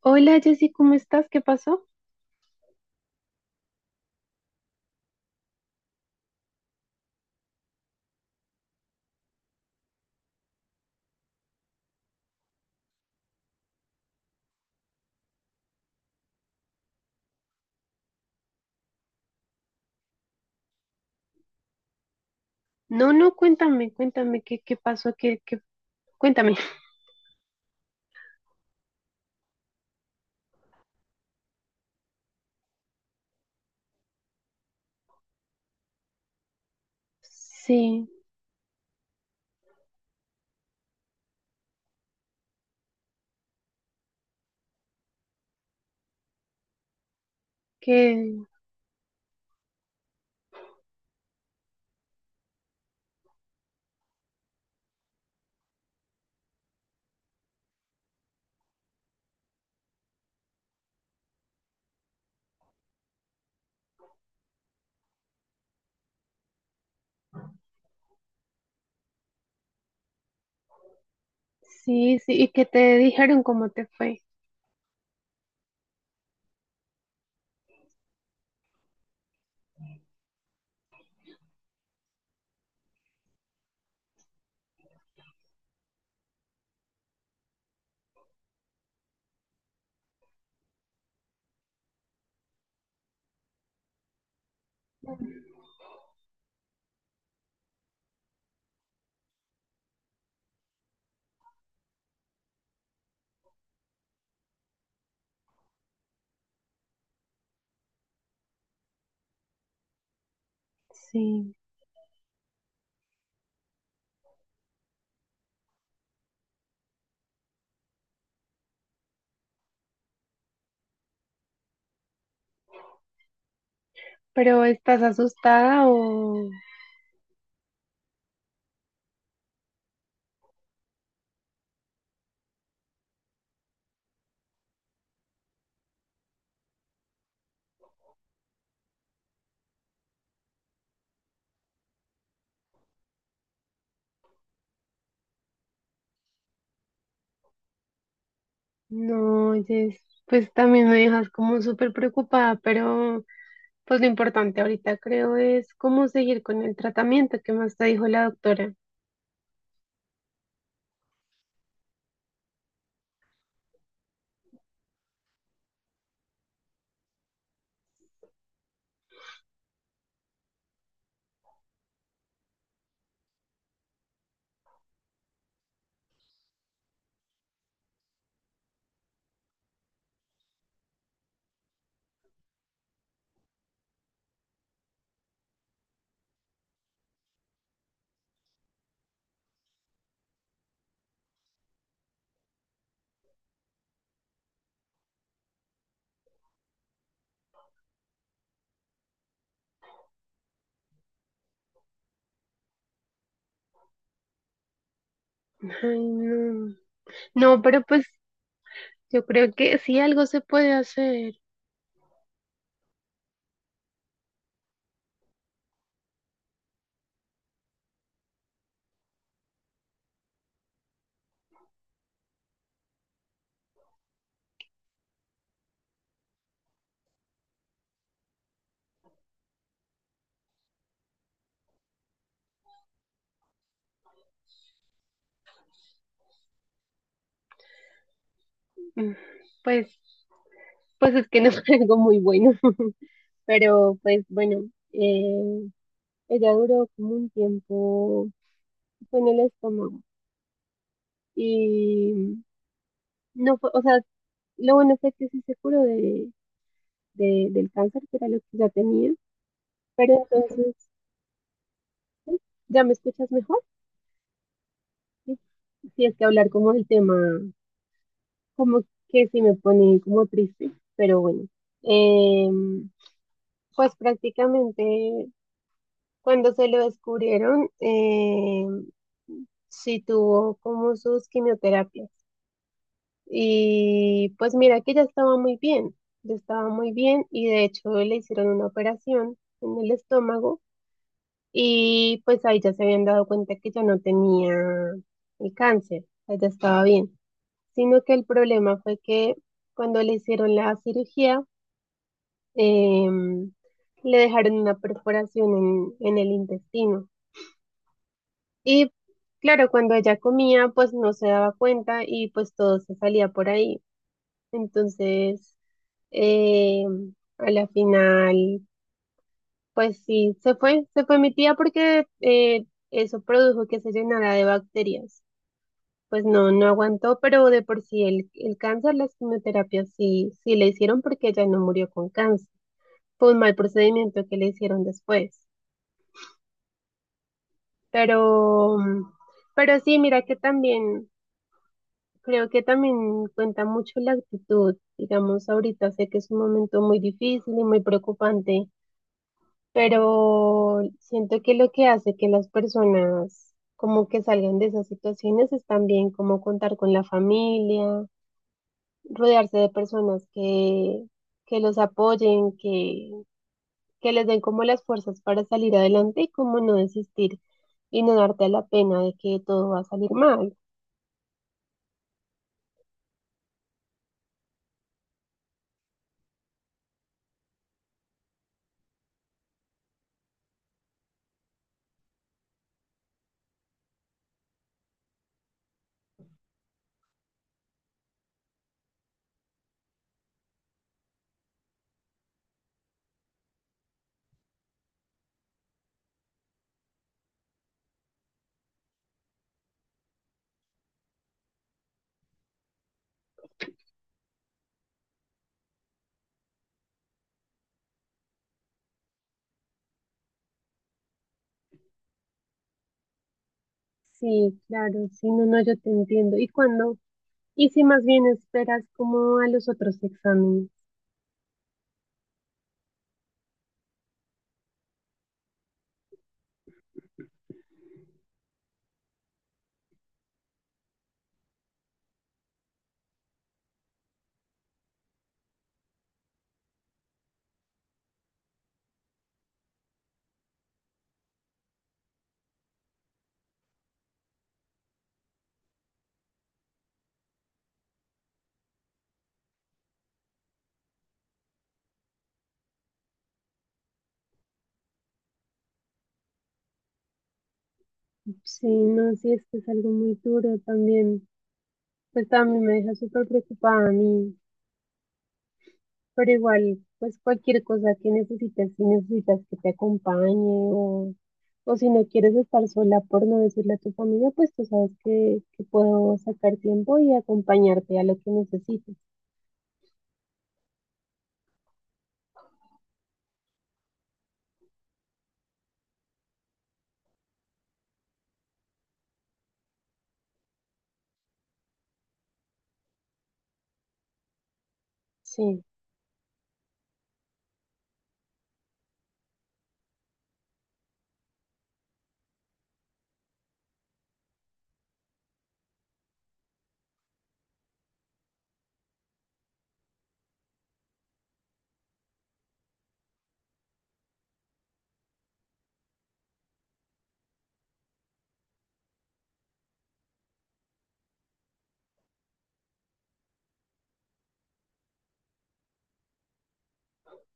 Hola Jessy, ¿cómo estás? ¿Qué pasó? No, no, cuéntame, cuéntame qué, qué pasó, qué, qué, cuéntame. Sí, que sí, sí, y qué te dijeron, cómo te fue. Sí, pero ¿estás asustada o no, Jess? Pues también me dejas como súper preocupada, pero pues lo importante ahorita creo es cómo seguir con el tratamiento. Que más te dijo la doctora? Ay, no. No, pero pues yo creo que sí algo se puede hacer. Mm, pues, pues es que no fue algo muy bueno. Pero pues bueno, eh, ella duró como un tiempo, fue en el estómago. Y no fue, o sea, lo bueno fue que sí se curó del cáncer, que era lo que ya tenía. Pero entonces, ¿sí? ¿Ya me escuchas mejor? Sí, sí, es que hablar como del tema, como que sí me pone como triste, pero bueno. Em, pues prácticamente cuando se lo descubrieron, sí tuvo como sus quimioterapias. Y pues mira que ya estaba muy bien, ya estaba muy bien, y de hecho le hicieron una operación en el estómago y pues ahí ya se habían dado cuenta que ya no tenía el cáncer, o sea, ya estaba bien, sino que el problema fue que cuando le hicieron la cirugía em, le dejaron una perforación en el intestino y claro, cuando ella comía pues no se daba cuenta y pues todo se salía por ahí. Entonces, Eh, a la final, pues sí, se fue mi tía porque eso produjo que se llenara de bacterias. Pues no, no aguantó, pero de por sí el cáncer, las quimioterapias sí, sí le hicieron, porque ella no murió con cáncer. Fue un mal procedimiento que le hicieron después. Pero, mm, pero sí, mira que también, creo que también cuenta mucho la actitud. Digamos, ahorita sé que es un momento muy difícil y muy preocupante, pero siento que lo que hace que las personas como que salgan de esas situaciones es también como contar con la familia, rodearse de personas que los apoyen, que les den como las fuerzas para salir adelante y como no desistir y no darte a la pena de que todo va a salir mal. Sí, claro, sí, no, no, yo te entiendo. ¿Y cuando y si más bien esperas como a los otros exámenes? Sí, no, sí, es que es algo muy duro también. Pues también me deja súper preocupada a mí, pero igual, pues cualquier cosa que necesites, si necesitas que te acompañe, o si no quieres estar sola por no decirle a tu familia, pues tú sabes que puedo sacar tiempo y acompañarte a lo que necesites. Sí,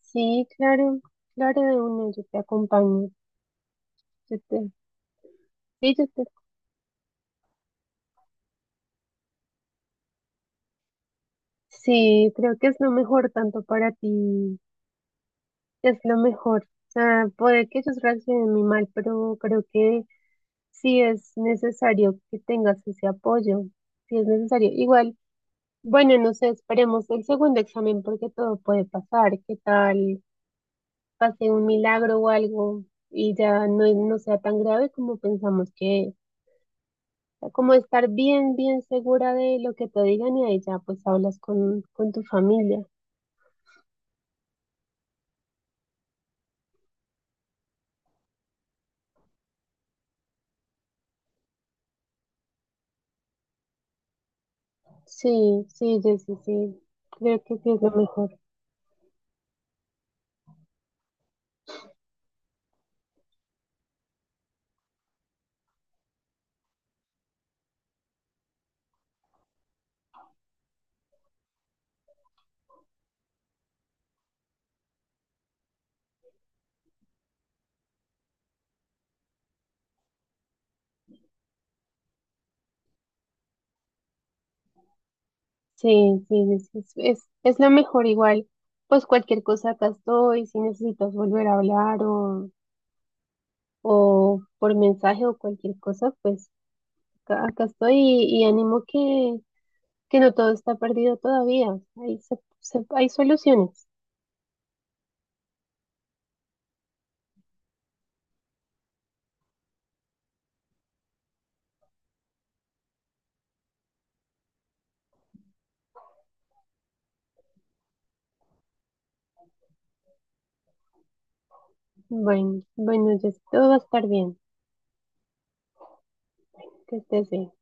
sí, claro, claro de uno, yo te acompaño. Yo te, sí, yo te, sí, creo que es lo mejor, tanto para ti, es lo mejor. O sea, puede que ellos reaccionen muy mal, pero creo que si es necesario que tengas ese apoyo, si es necesario. Igual, bueno, no sé, esperemos el segundo examen porque todo puede pasar. ¿Qué tal pase un milagro o algo y ya no, no sea tan grave como pensamos que es? O sea, como estar bien, bien segura de lo que te digan, y ahí ya pues hablas con tu familia. Sí, sí, Jessy, sí, creo que sí es lo mejor. Sí, sí, es lo mejor igual. Pues cualquier cosa acá estoy, si necesitas volver a hablar o por mensaje o cualquier cosa, pues acá, acá estoy y animo, que no todo está perdido todavía. Hay, hay soluciones. Bueno, bueno, ya todo va a estar bien. Que estés bien.